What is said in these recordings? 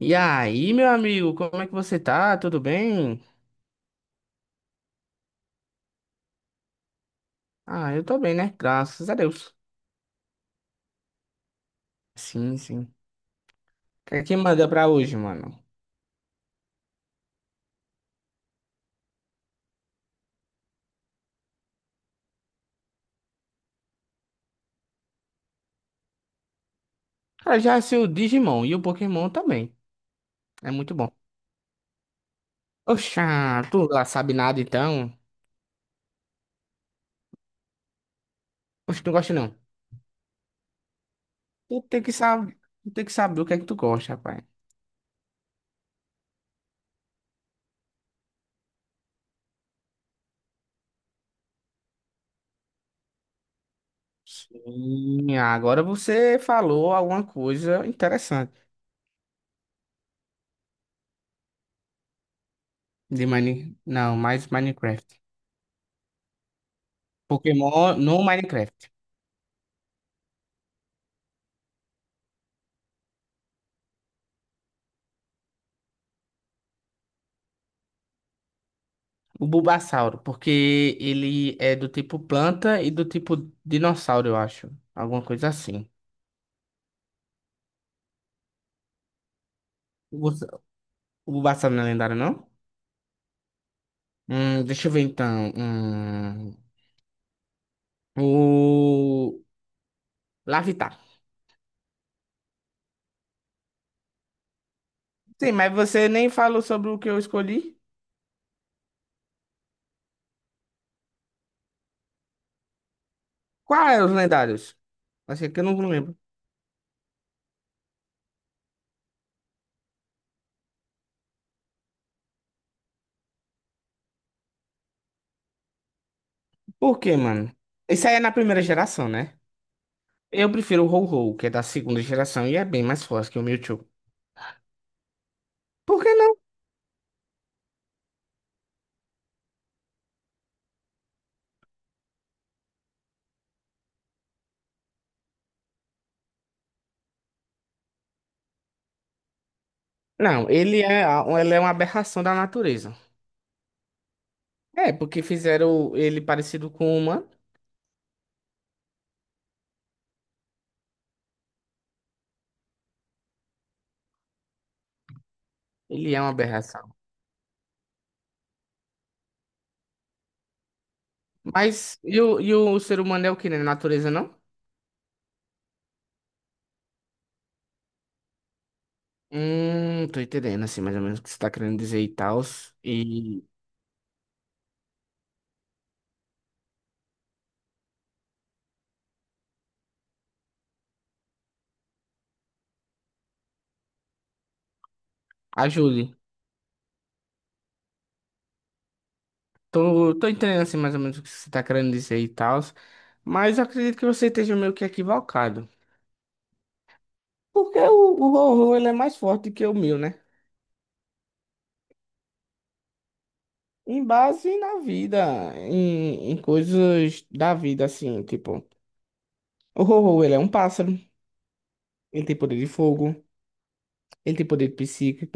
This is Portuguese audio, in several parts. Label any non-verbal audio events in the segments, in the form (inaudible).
E aí, meu amigo, como é que você tá? Tudo bem? Ah, eu tô bem, né? Graças a Deus. Sim, sim. O que é que manda pra hoje, mano? Cara, já sei o Digimon e o Pokémon também. É muito bom. Oxa, tu lá sabe nada então? Oxe, tu não gosta não. Tu tem que saber, tu tem que saber o que é que tu gosta, rapaz. Sim, agora você falou alguma coisa interessante de Mine... Não, mais Minecraft. Pokémon no Minecraft. O Bulbasauro, porque ele é do tipo planta e do tipo dinossauro, eu acho. Alguma coisa assim. O Bus- o Bulbasauro não é lendário, não? Deixa eu ver então. O Larvitar. Sim, mas você nem falou sobre o que eu escolhi. Qual é os lendários? Achei que eu não lembro. Por quê, mano? Isso aí é na primeira geração, né? Eu prefiro o Ho-Ho, que é da segunda geração e é bem mais forte que o Mewtwo. Por que não? Não, ele é, ele é uma aberração da natureza. É, porque fizeram ele parecido com o humano. Ele é uma aberração. Mas e o ser humano é o que, né? Natureza, não? Tô entendendo, assim, mais ou menos o que você tá querendo dizer e tal. E ajude. Tô, tô entendendo, assim, mais ou menos o que você tá querendo dizer e tal. Mas eu acredito que você esteja meio que equivocado. Porque o horror, ele é mais forte que o meu, né? Em base na vida, em coisas da vida, assim, tipo... O horror, ele é um pássaro. Ele tem poder de fogo. Ele tem poder psíquico.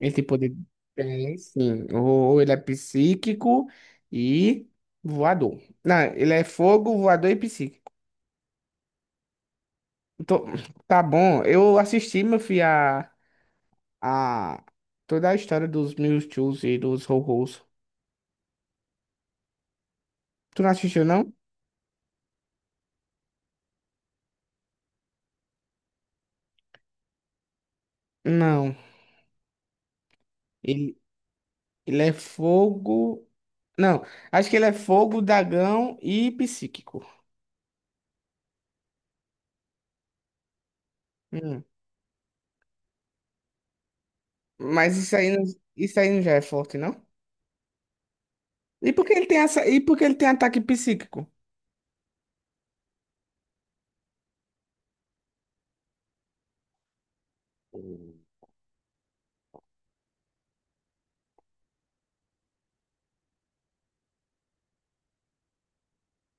Ele tem poder. Tem, sim. Ou ele é psíquico e voador. Não, ele é fogo, voador e psíquico. Tô- (sniffs) Tá bom. Eu assisti, meu filho, a toda a história dos Mewtwo's e dos Ho-Ho's. Tu não assistiu, não? Não. Ele, ele é fogo. Não, acho que ele é fogo, dragão e psíquico. Hum. Mas isso aí, não- isso aí não já é forte, não? E por que ele tem essa, e por que ele tem ataque psíquico?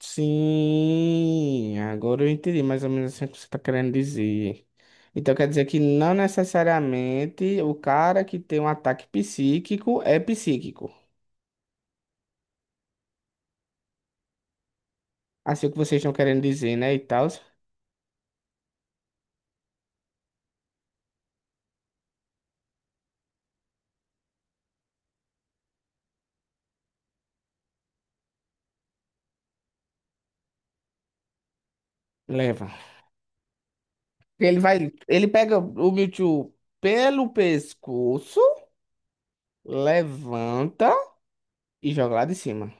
Sim, agora eu entendi mais ou menos assim o que você está querendo dizer. Então quer dizer que não necessariamente o cara que tem um ataque psíquico é psíquico. Assim o que vocês estão querendo dizer, né? E tal, leva. Ele vai, ele pega o Mewtwo pelo pescoço, levanta e joga lá de cima.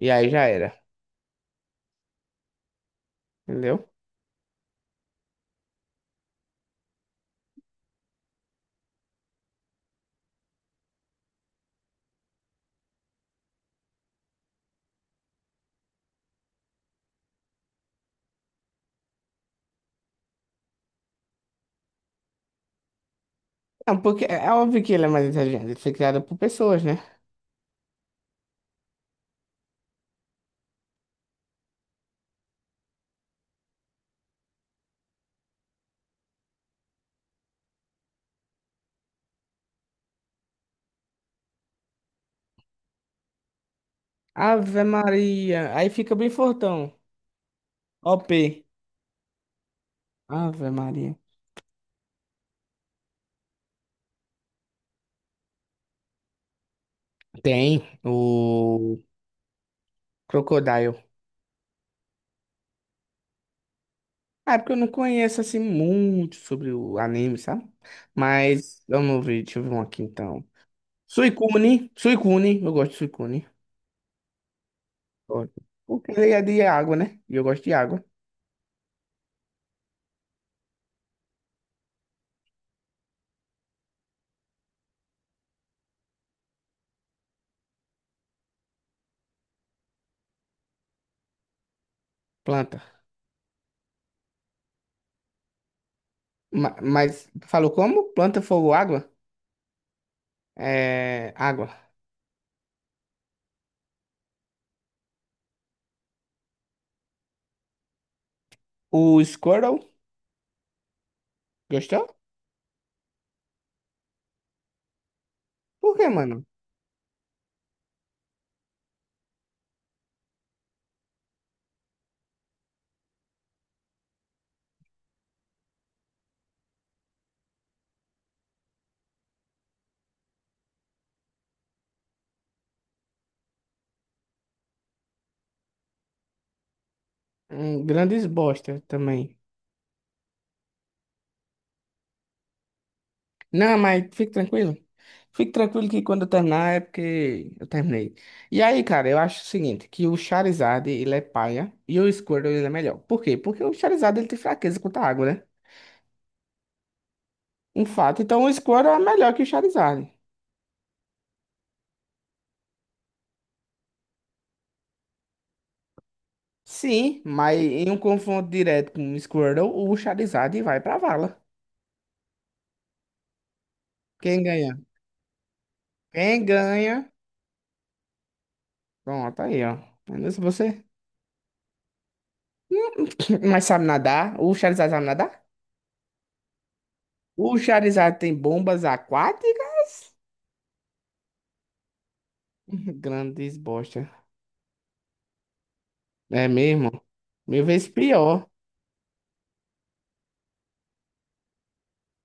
E aí já era, entendeu? Não, porque é óbvio que ele é mais inteligente, ele foi criado por pessoas, né? Ave Maria, aí fica bem fortão. OP. Ave Maria. Tem o Crocodile. Ah, é porque eu não conheço assim muito sobre o anime, sabe? Mas vamos ver, deixa eu ver um aqui então. Suicune, Suicune, eu gosto de Suicune. Gosto. Porque ele é de água, né? E eu gosto de água. Planta. Mas, falou como? Planta, fogo, água? É, água. O Squirtle, gostou? Por que, mano? Um, grandes bosta também. Não, mas fique tranquilo. Fique tranquilo que quando eu terminar é porque eu terminei. E aí, cara, eu acho o seguinte, que o Charizard, ele é paia e o Squirtle, ele é melhor. Por quê? Porque o Charizard, ele tem fraqueza contra a água, né? Um fato. Então, o Squirtle é melhor que o Charizard. Sim, mas em um confronto direto com o Squirtle, o Charizard vai pra vala. Quem ganha? Quem ganha? Pronto, aí, ó. Mas você... (coughs) Hum, (tsk) Mas sabe nadar? O Charizard sabe nadar? O Charizard tem bombas aquáticas? (laughs) Grandes bosta. É mesmo? Mil vezes pior.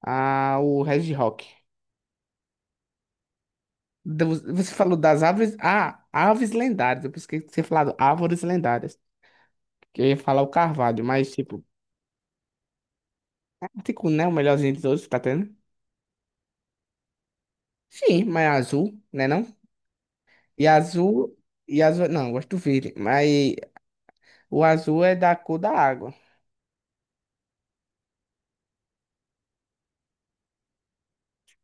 Ah, o Red Rock. Você falou das árvores. Ah, aves lendárias. Eu pensei que você falado árvores lendárias. Que eu ia falar o carvalho, mas tipo, é tipo, né? O melhorzinho dos outros, tá tendo? Sim, mas é azul, né não? E azul. E azul. Não, eu gosto do verde. Mas o azul é da cor da água.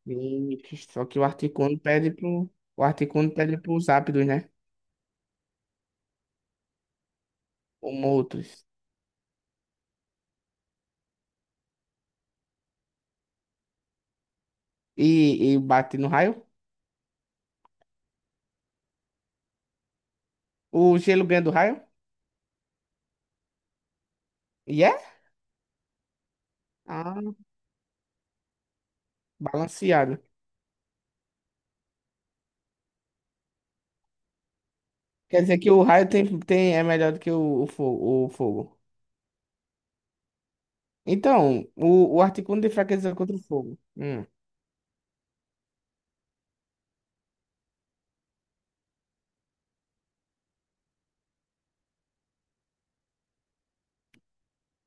E- só que o Articuno pede pro. O Articuno pede pros ápidos, né? Como outros. E bate no raio? O gelo ganha do raio? E é? Ah, balanceado. Quer dizer que o raio é melhor do que o fogo, o fogo. Então, o Articuno de fraqueza contra o fogo.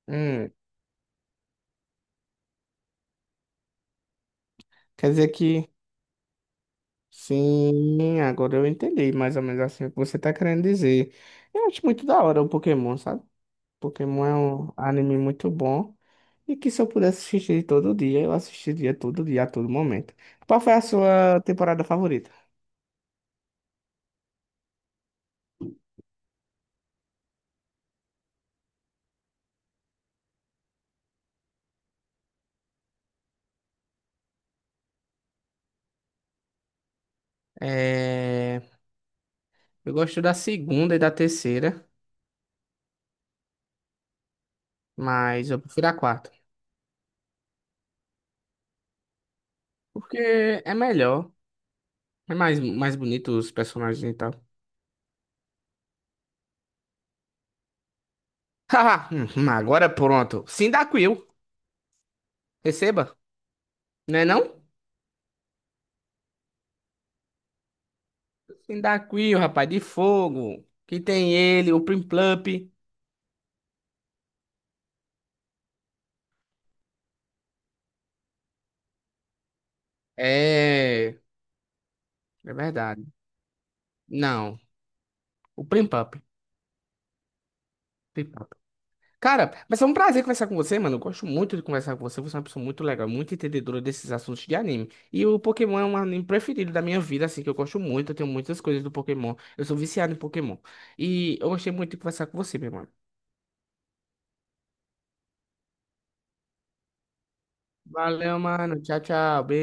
hum. Quer dizer que. Sim, agora eu entendi mais ou menos assim o que você tá querendo dizer. Eu acho muito da hora o Pokémon, sabe? Pokémon é um anime muito bom. E que se eu pudesse assistir todo dia, eu assistiria todo dia, a todo momento. Qual foi a sua temporada favorita? É. Eu gosto da segunda e da terceira, mas eu prefiro a quarta. Porque é melhor. É mais, mais bonito os personagens e tal. (laughs) Agora pronto. Sindacuil, receba. Não é não? Sindacuil, rapaz, de fogo. Que tem ele, o Plim Plump. É. É verdade. Não, o Plim Plump. Cara, mas é um prazer conversar com você, mano. Eu gosto muito de conversar com você. Você é uma pessoa muito legal, muito entendedora desses assuntos de anime. E o Pokémon é um anime preferido da minha vida, assim, que eu gosto muito. Eu tenho muitas coisas do Pokémon. Eu sou viciado em Pokémon. E eu gostei muito de conversar com você, meu mano. Valeu, mano. Tchau, tchau. Beijo.